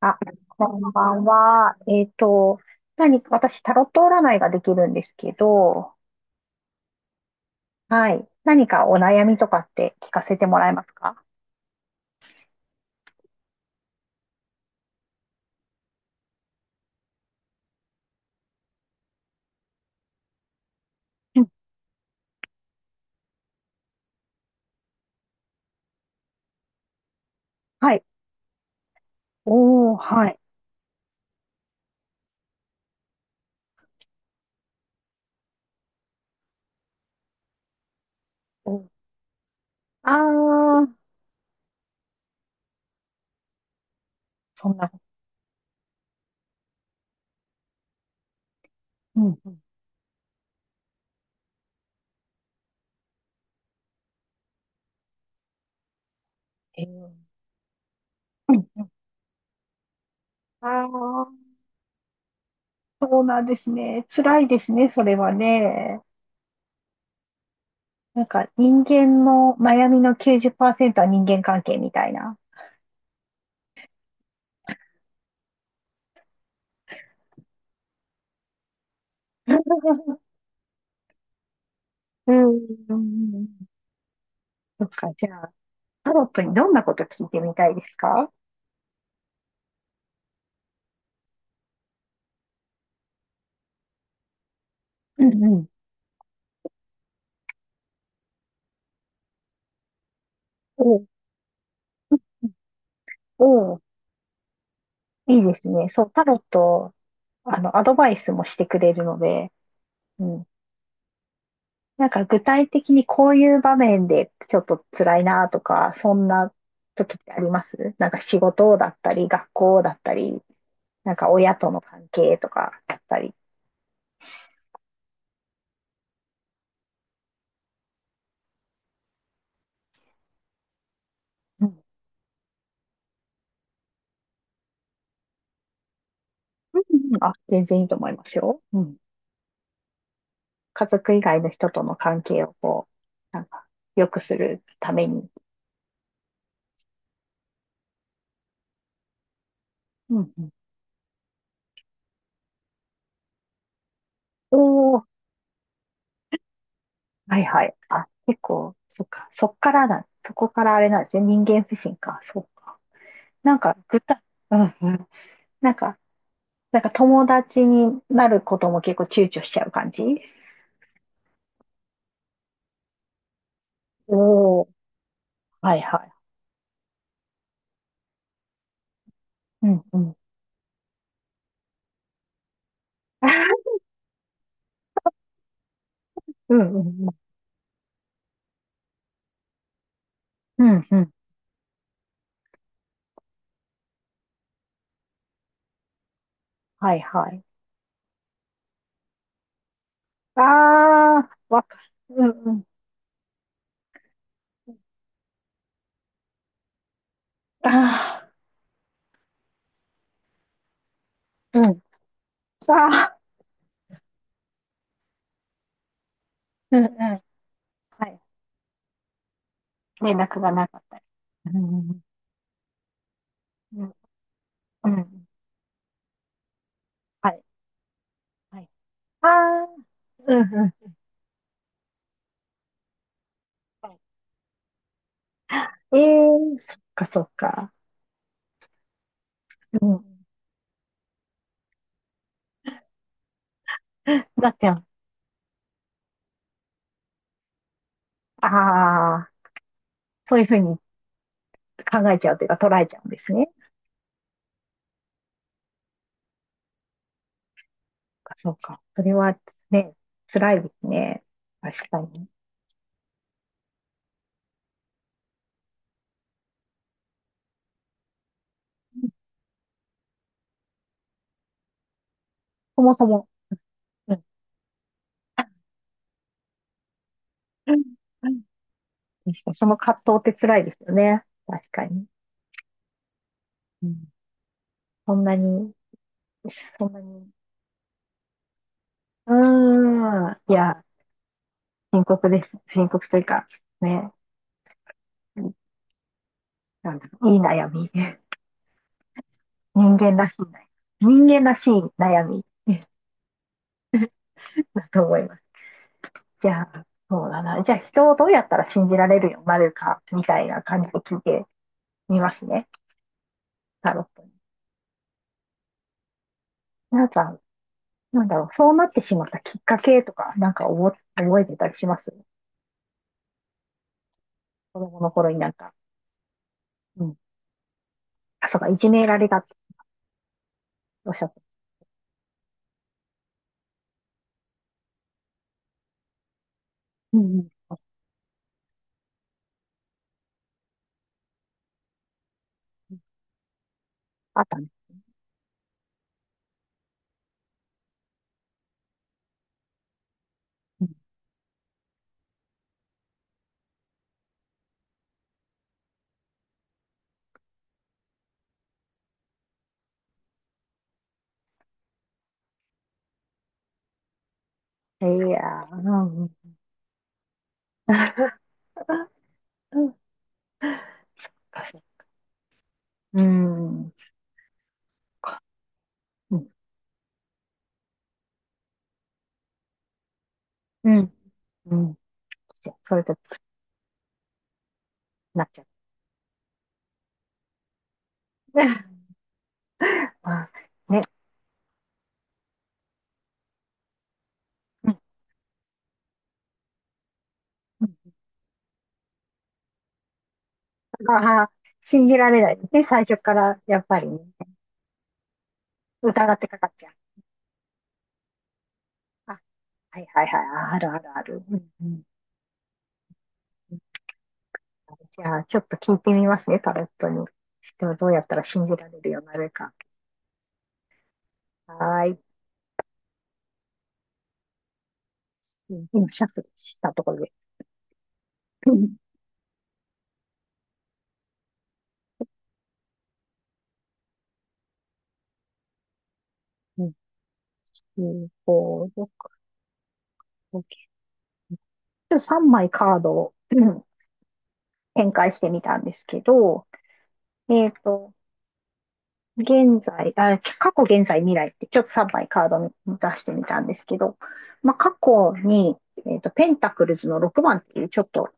あ、こんばんは。何か、私、タロット占いができるんですけど、はい。何かお悩みとかって聞かせてもらえますか？うん。はい。おー、はい。おー、あー、そんな、うん、うん。えー、うん、あー、そうなんですね。辛いですね、それはね。なんか、人間の悩みの90%は人間関係みたいな。うん、うん。うん。うん。そっか、じゃあ。タロットにどんなこと聞いてみたいですか？うん、うん。おう。おう、いいですね。そう、タロット、アドバイスもしてくれるので、うん。なんか具体的にこういう場面でちょっと辛いなとか、そんな時ってあります？なんか仕事だったり、学校だったり、なんか親との関係とかだったり。うん。うん、うん。あ、全然いいと思いますよ。うん。家族以外の人との関係をこう、なんか良くするために。うん、うん。おー、はい、はい。あ、結構、そっか。そっからだ。そこからあれなんですね。人間不信か。そうか。なんか、具体、うん、うん。なんか、なんか友達になることも結構躊躇しちゃう感じ？おおー、はい、はい。うん、うん。うん、うん、うん。うん、うん。はい、はい。ああ、わかる。うん、うん。ああ、うん。ああ、うん、うん。はい。連絡がなかったり。うん、うん、うん。うん、うん。はい。はい。ああ、うん、うん。ええー、そっか、そっか。うん。なっちゃん。ああ、そういうふうに考えちゃうというか捉えちゃうんですね。そっか、そっか。それはね、辛いですね。確かに。そもそも。うん。うん、うん。確かに、その葛藤って辛いですよね。確かに。うん。そんなに、そんなに。うーん。いや、深刻です。深刻というか、ね。なんだろう、いい悩み。人間らしい悩み。人間らしい悩み。 だと思います。じゃあ、そうだな。じゃあ、人をどうやったら信じられるようになるか、みたいな感じで聞いてみますね。タロットに。なんか、なんだろう、そうなってしまったきっかけとか、なんか覚えてたりします？子供の頃になんか。うん。あ、そうか、いじめられたっておっしゃった。うん、うん。あったね。うん。いやー、うん、うん。うん、確かに。うん。か、うん。うん。うん。じゃあ、それでなっちゃう。まあ、ね。うん、ああ、信じられないですね。最初から、やっぱりね、疑ってかかっちゃう。あ、はい、はい、はい。あ、あるあるある。うん、うん、うん。じゃあ、ちょっと聞いてみますね、タロットに。でもどうやったら信じられるようになるか。はーい。うん、今、シャッフルしたところで。うん、うん、うん、こう、ちょっと3枚カードをうん展開してみたんですけど、えっと、現在、あ、過去、現在、未来ってちょっと3枚カードに出してみたんですけど、まあ、過去に、ペンタクルズの6番っていうちょっと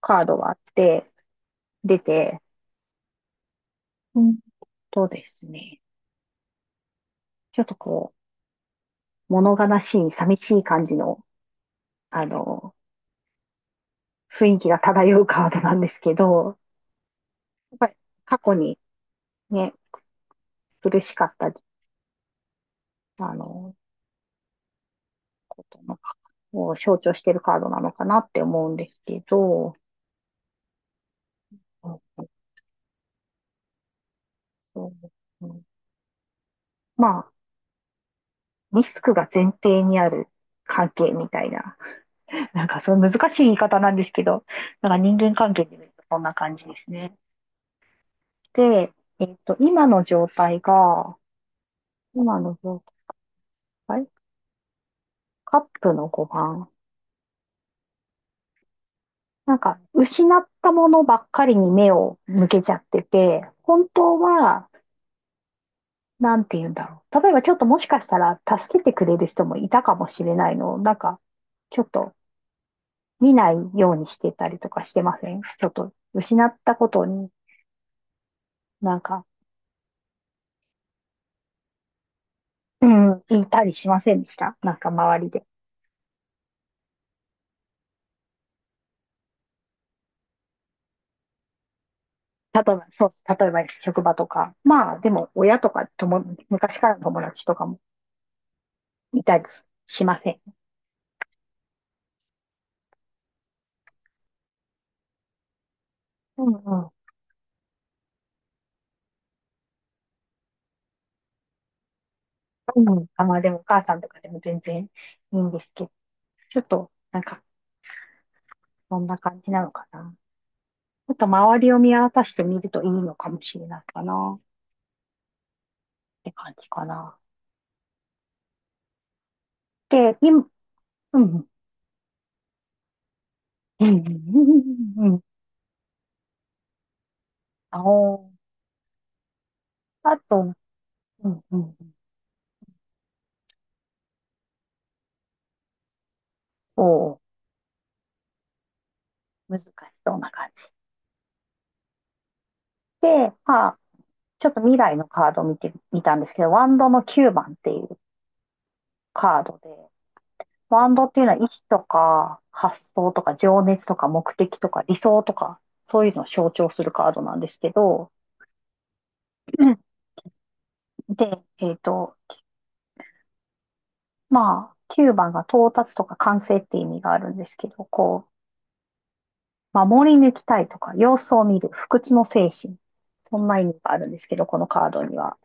カードがあって、出て、うんとですね、ちょっとこう、物悲しい、寂しい感じの、あの、雰囲気が漂うカードなんですけど、やっぱり過去にね、苦しかった、あの、ことのを象徴してるカードなのかなって思うんですけど、うん、まあ、リスクが前提にある関係みたいな。なんか、そう難しい言い方なんですけど、なんか人間関係で見るとこんな感じですね。で、えっと、今の状態が、今の状態カップの5番。なんか、失ったものばっかりに目を向けちゃってて、本当は、なんて言うんだろう。例えばちょっともしかしたら助けてくれる人もいたかもしれないのを、なんか、ちょっと見ないようにしてたりとかしてません？ちょっと失ったことになんか、うん、いたりしませんでした？なんか周りで。例えば、そう、例えば職場とか。まあ、でも親とか昔からの友達とかもいたりし、しません。うん、うん。うん。あ、まあでもお母さんとかでも全然いいんですけど、ちょっと、なんか、そんな感じなのかな。ちょっと周りを見渡してみるといいのかもしれないかな、って感じかな。で、今、うん、うん、うん、あお、あと、うん、うん、おお、難しそうな感じ。で、まあ、ちょっと未来のカードを見てみたんですけど、ワンドの9番っていうカードで、ワンドっていうのは意志とか発想とか情熱とか目的とか理想とか、そういうのを象徴するカードなんですけど、で、えっと、まあ、9番が到達とか完成って意味があるんですけど、こう、守り抜きたいとか、様子を見る、不屈の精神。そんな意味があるんですけど、このカードには。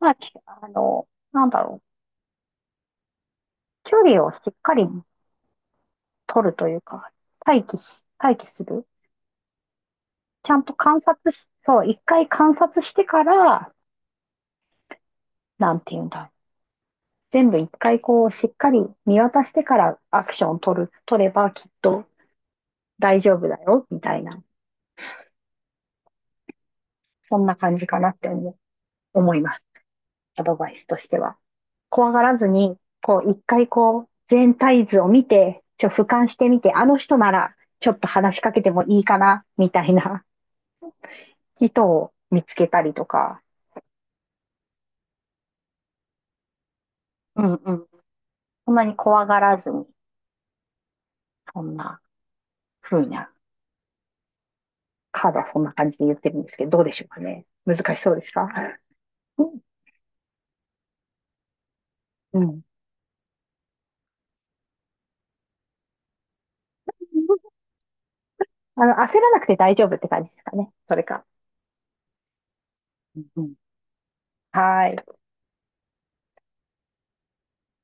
まあ、きあの、なんだろう。距離をしっかり取るというか、待機する。ちゃんと観察し、そう、一回観察してから、なんていうんだ。全部一回こう、しっかり見渡してからアクションを取る、取ればきっと大丈夫だよ、みたいな。そんな感じかなって思います。アドバイスとしては。怖がらずに、こう、一回こう、全体図を見て、俯瞰してみて、あの人なら、ちょっと話しかけてもいいかな、みたいな人を見つけたりとか、うん、うん。そんなに怖がらずに、そんな風な、カードはそんな感じで言ってるんですけど、どうでしょうかね。難しそうですか？うん。うん、焦らなくて大丈夫って感じですかね。それか。うん。はい。